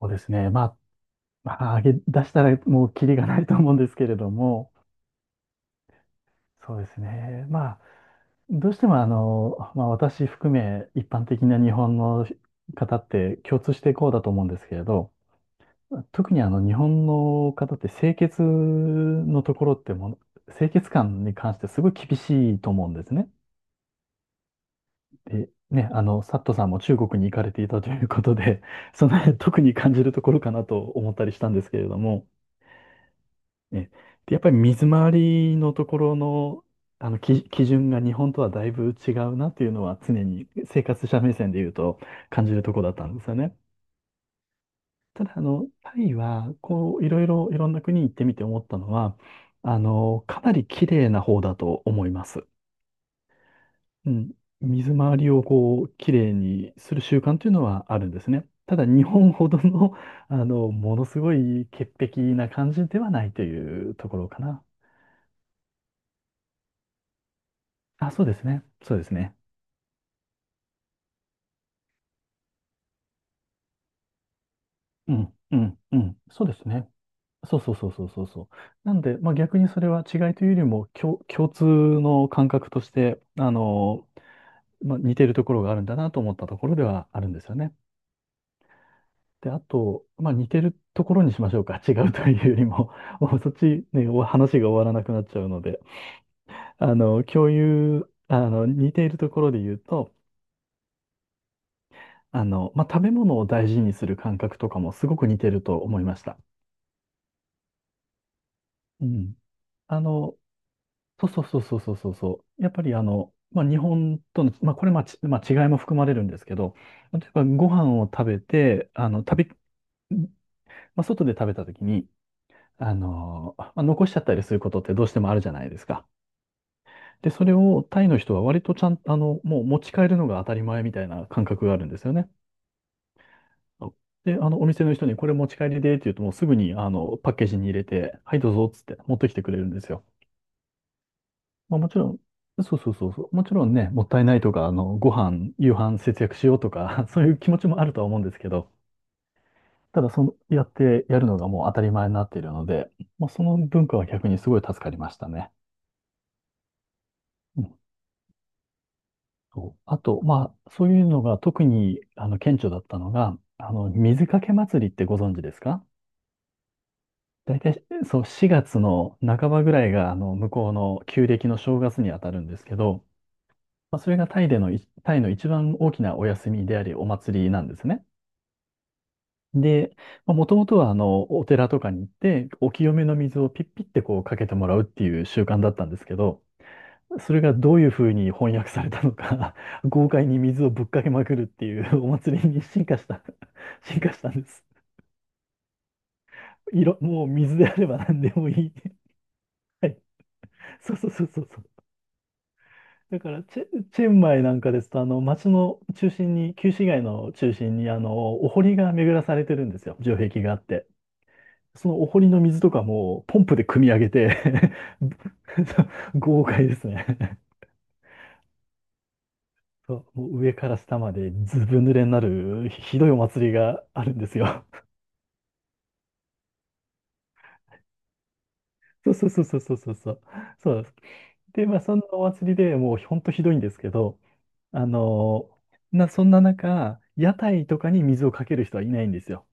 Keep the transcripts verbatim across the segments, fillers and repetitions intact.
そうですね。まあ、まあ、上げ出したらもうキリがないと思うんですけれども、そうですね。まあ、どうしてもあの、まあ、私含め一般的な日本の方って共通してこうだと思うんですけれど、特にあの日本の方って清潔のところってもう、清潔感に関してすごい厳しいと思うんですね。で、ね、あの、サットさんも中国に行かれていたということで、その辺特に感じるところかなと思ったりしたんですけれども、ねで、やっぱり水回りのところの、あの基、基準が日本とはだいぶ違うなっていうのは常に生活者目線で言うと感じるところだったんですよね。ただ、あの、タイは、こう、いろいろ、いろんな国行ってみて思ったのは、あの、かなり綺麗な方だと思います。うん。水回りをこう、綺麗にする習慣というのはあるんですね。ただ、日本ほどの、あの、ものすごい潔癖な感じではないというところかな。あ、そうですね。そうですね。うん、うん、うん。そうですね。そうそうそうそうそうそう。なんで、まあ逆にそれは違いというよりも、共、共通の感覚として、あの、まあ似てるところがあるんだなと思ったところではあるんですよね。で、あと、まあ似てるところにしましょうか。違うというよりも、もうそっちね、お話が終わらなくなっちゃうので、あの、共有、あの、似ているところで言うと、あの、まあ食べ物を大事にする感覚とかもすごく似てると思いました。うん。あの、そうそうそうそうそうそうそう。やっぱりあの、まあ、日本との、まあ、これまあ、ちまあ、違いも含まれるんですけど、例えばご飯を食べて、あの、食べ、まあ、外で食べた時に、あの、まあ、残しちゃったりすることってどうしてもあるじゃないですか。で、それをタイの人は割とちゃん、あの、もう持ち帰るのが当たり前みたいな感覚があるんですよね。で、あの、お店の人にこれ持ち帰りでって言うともうすぐに、あの、パッケージに入れて、はい、どうぞっつって持ってきてくれるんですよ。まあもちろん、そうそうそうそう、もちろんね、もったいないとか、あの、ご飯、夕飯節約しようとか、そういう気持ちもあるとは思うんですけど、ただその、やってやるのがもう当たり前になっているので、まあその文化は逆にすごい助かりましたね。うんそうあと、まあそういうのが特に、あの、顕著だったのが、あの、水かけ祭りってご存知ですか？大体、そう、しがつの半ばぐらいが、あの、向こうの旧暦の正月に当たるんですけど、まあ、それがタイでのい、タイの一番大きなお休みであり、お祭りなんですね。で、まあ、もともとは、あの、お寺とかに行って、お清めの水をピッピッてこうかけてもらうっていう習慣だったんですけど、それがどういうふうに翻訳されたのか、豪快に水をぶっかけまくるっていうお祭りに進化した、進化したんです。いろ、もう水であれば何でもいい。そうそうそうそうだからチェ、チェンマイなんかですと、あの、街の中心に、旧市街の中心に、あの、お堀が巡らされてるんですよ。城壁があって。そのお堀の水とかも、ポンプで汲み上げて 豪快ですね。そう、もう上から下までずぶ濡れになる、ひどいお祭りがあるんですよ。そうそうそうそうそうそうそう。そうです。で、まあ、そんなお祭りでもう、ほんとひどいんですけど、あの、な、そんな中、屋台とかに水をかける人はいないんですよ。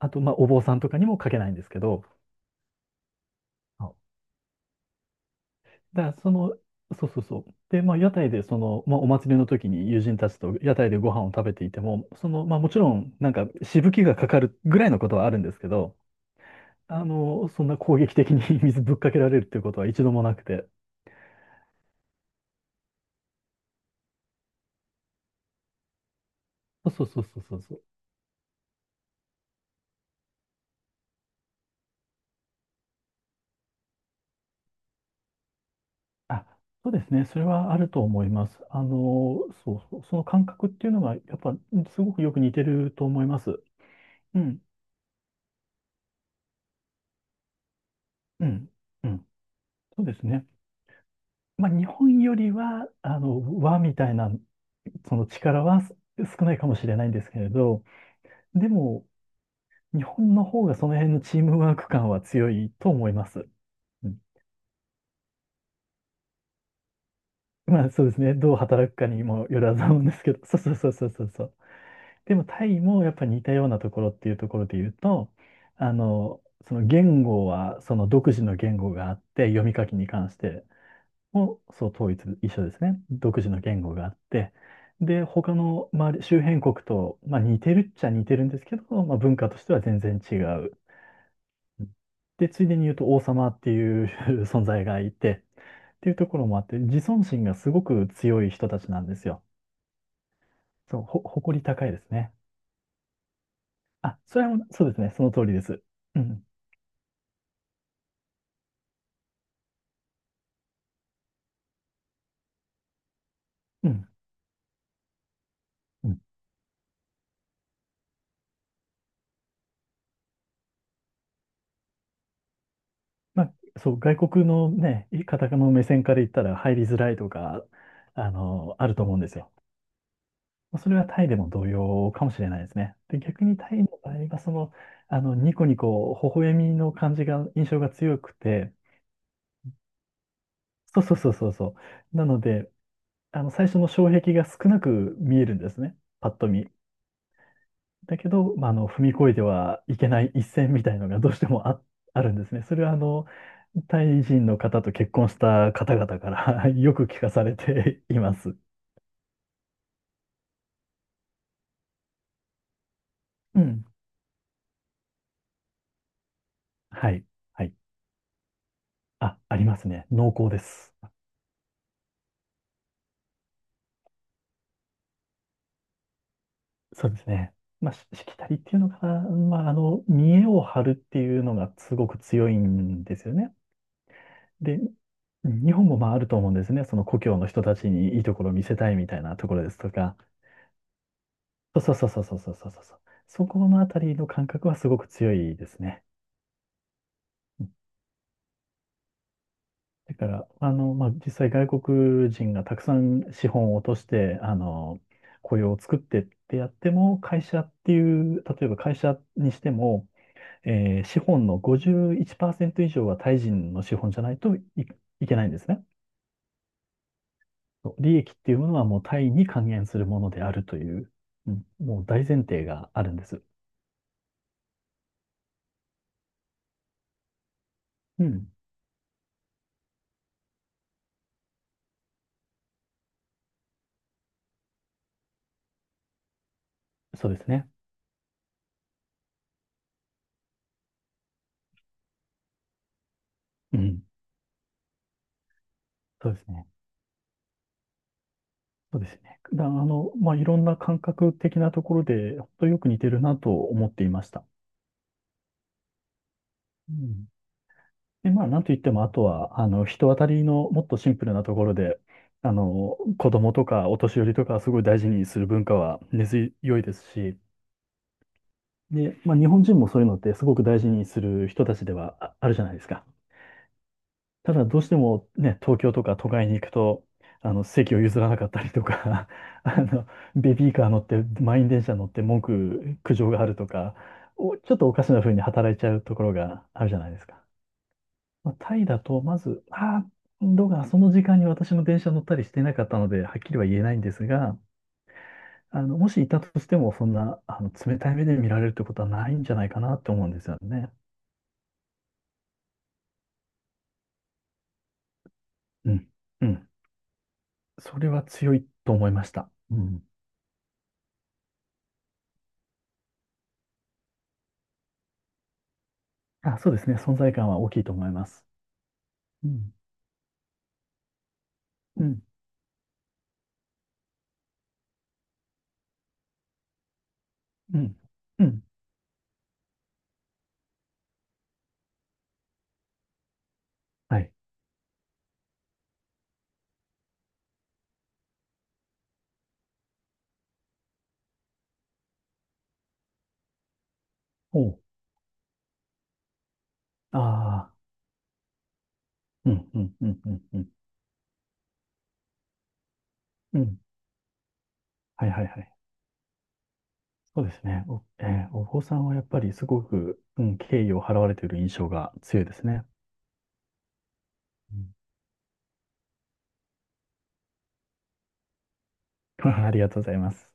あと、まあ、お坊さんとかにもかけないんですけど、あだからその、そうそうそう。で、まあ、屋台で、その、まあ、お祭りの時に友人たちと屋台でご飯を食べていても、その、まあ、もちろん、なんか、しぶきがかかるぐらいのことはあるんですけど、あの、そんな攻撃的に 水ぶっかけられるっていうことは一度もなくて。そうそうそうそうそう。あ、そうですね。それはあると思います。あの、そうそう。その感覚っていうのが、やっぱ、すごくよく似てると思います。うん、うん、うん。そうですね。まあ、日本よりは、あの、和みたいな、その力はす少ないかもしれないんですけれど、でも、日本の方がその辺のチームワーク感は強いと思います。うんまあ、そうですね。どう働くかにもよらずなんですけど、そうそうそうそうそうそう。でも、タイもやっぱ似たようなところっていうところで言うと、あの、その言語は、その独自の言語があって、読み書きに関して。もそう統一、一緒ですね。独自の言語があって、で、他の周り、周辺国と、まあ、似てるっちゃ似てるんですけど、まあ、文化としては全然違う。うんで、ついでに言うと王様っていう 存在がいて、っていうところもあって、自尊心がすごく強い人たちなんですよ。そう、ほ、誇り高いですね。あ、それは、そうですね、その通りです。うん、うん、うん。まあ、そう、外国のね、方の目線から言ったら入りづらいとか、あの、あると思うんですよ。まあそれはタイでも同様かもしれないですね。で、逆にタイの場合は、その、あの、ニコニコ、微笑みの感じが、印象が強くて、そうそうそうそうそう。なので、あの、最初の障壁が少なく見えるんですね。パッと見。だけど、まあ、あの、踏み越えてはいけない一線みたいのがどうしてもあ、あるんですね。それは、あの、タイ人の方と結婚した方々から よく聞かされています。うん。はい。はい。あ、ありますね。濃厚です。そうですね。まあ、ししきたりっていうのかな。まあ、あの、見栄を張るっていうのがすごく強いんですよね。で、日本もまああると思うんですね。その故郷の人たちにいいところを見せたいみたいなところですとか。そうそうそうそうそうそうそうそう。そこのあたりの感覚はすごく強いですね。うんだから、あの、まあ、実際外国人がたくさん資本を落として、あの、雇用を作ってってやっても、会社っていう、例えば会社にしても、えー資本のごじゅういちパーセント以上はタイ人の資本じゃないとい、いけないんですね。そう利益っていうものはもうタイに還元するものであるという、うん、もう大前提があるんです。うん、そうですね。うん、そうですね。そうですね。だ、あの、まあ、いろんな感覚的なところで、本当よく似てるなと思っていました。うん。で、まあ、なんといっても、あとは、あの、人当たりのもっとシンプルなところで、あの、子供とかお年寄りとかすごい大事にする文化は根強いですし、で、まあ、日本人もそういうのってすごく大事にする人たちではああるじゃないですか。ただどうしてもね、東京とか都会に行くと、あの席を譲らなかったりとか、あのベビーカー乗って、満員電車乗って文句、苦情があるとか、おちょっとおかしな風に働いちゃうところがあるじゃないですか。まあ、タイだと、まず、ああ、どうかその時間に私も電車乗ったりしてなかったので、はっきりは言えないんですが、あのもしいたとしても、そんなあの冷たい目で見られるってことはないんじゃないかなって思うんですよね。うん。うん。それは強いと思いました。うん。あ、そうですね。存在感は大きいと思います。うん。うん。うん。うん。はい。おう。ああ。うん。うん。うん。うん。うん。うんはいはいはい。そうですね。お、えーお坊さんはやっぱりすごく、うん、敬意を払われている印象が強いですね。うん ありがとうございます。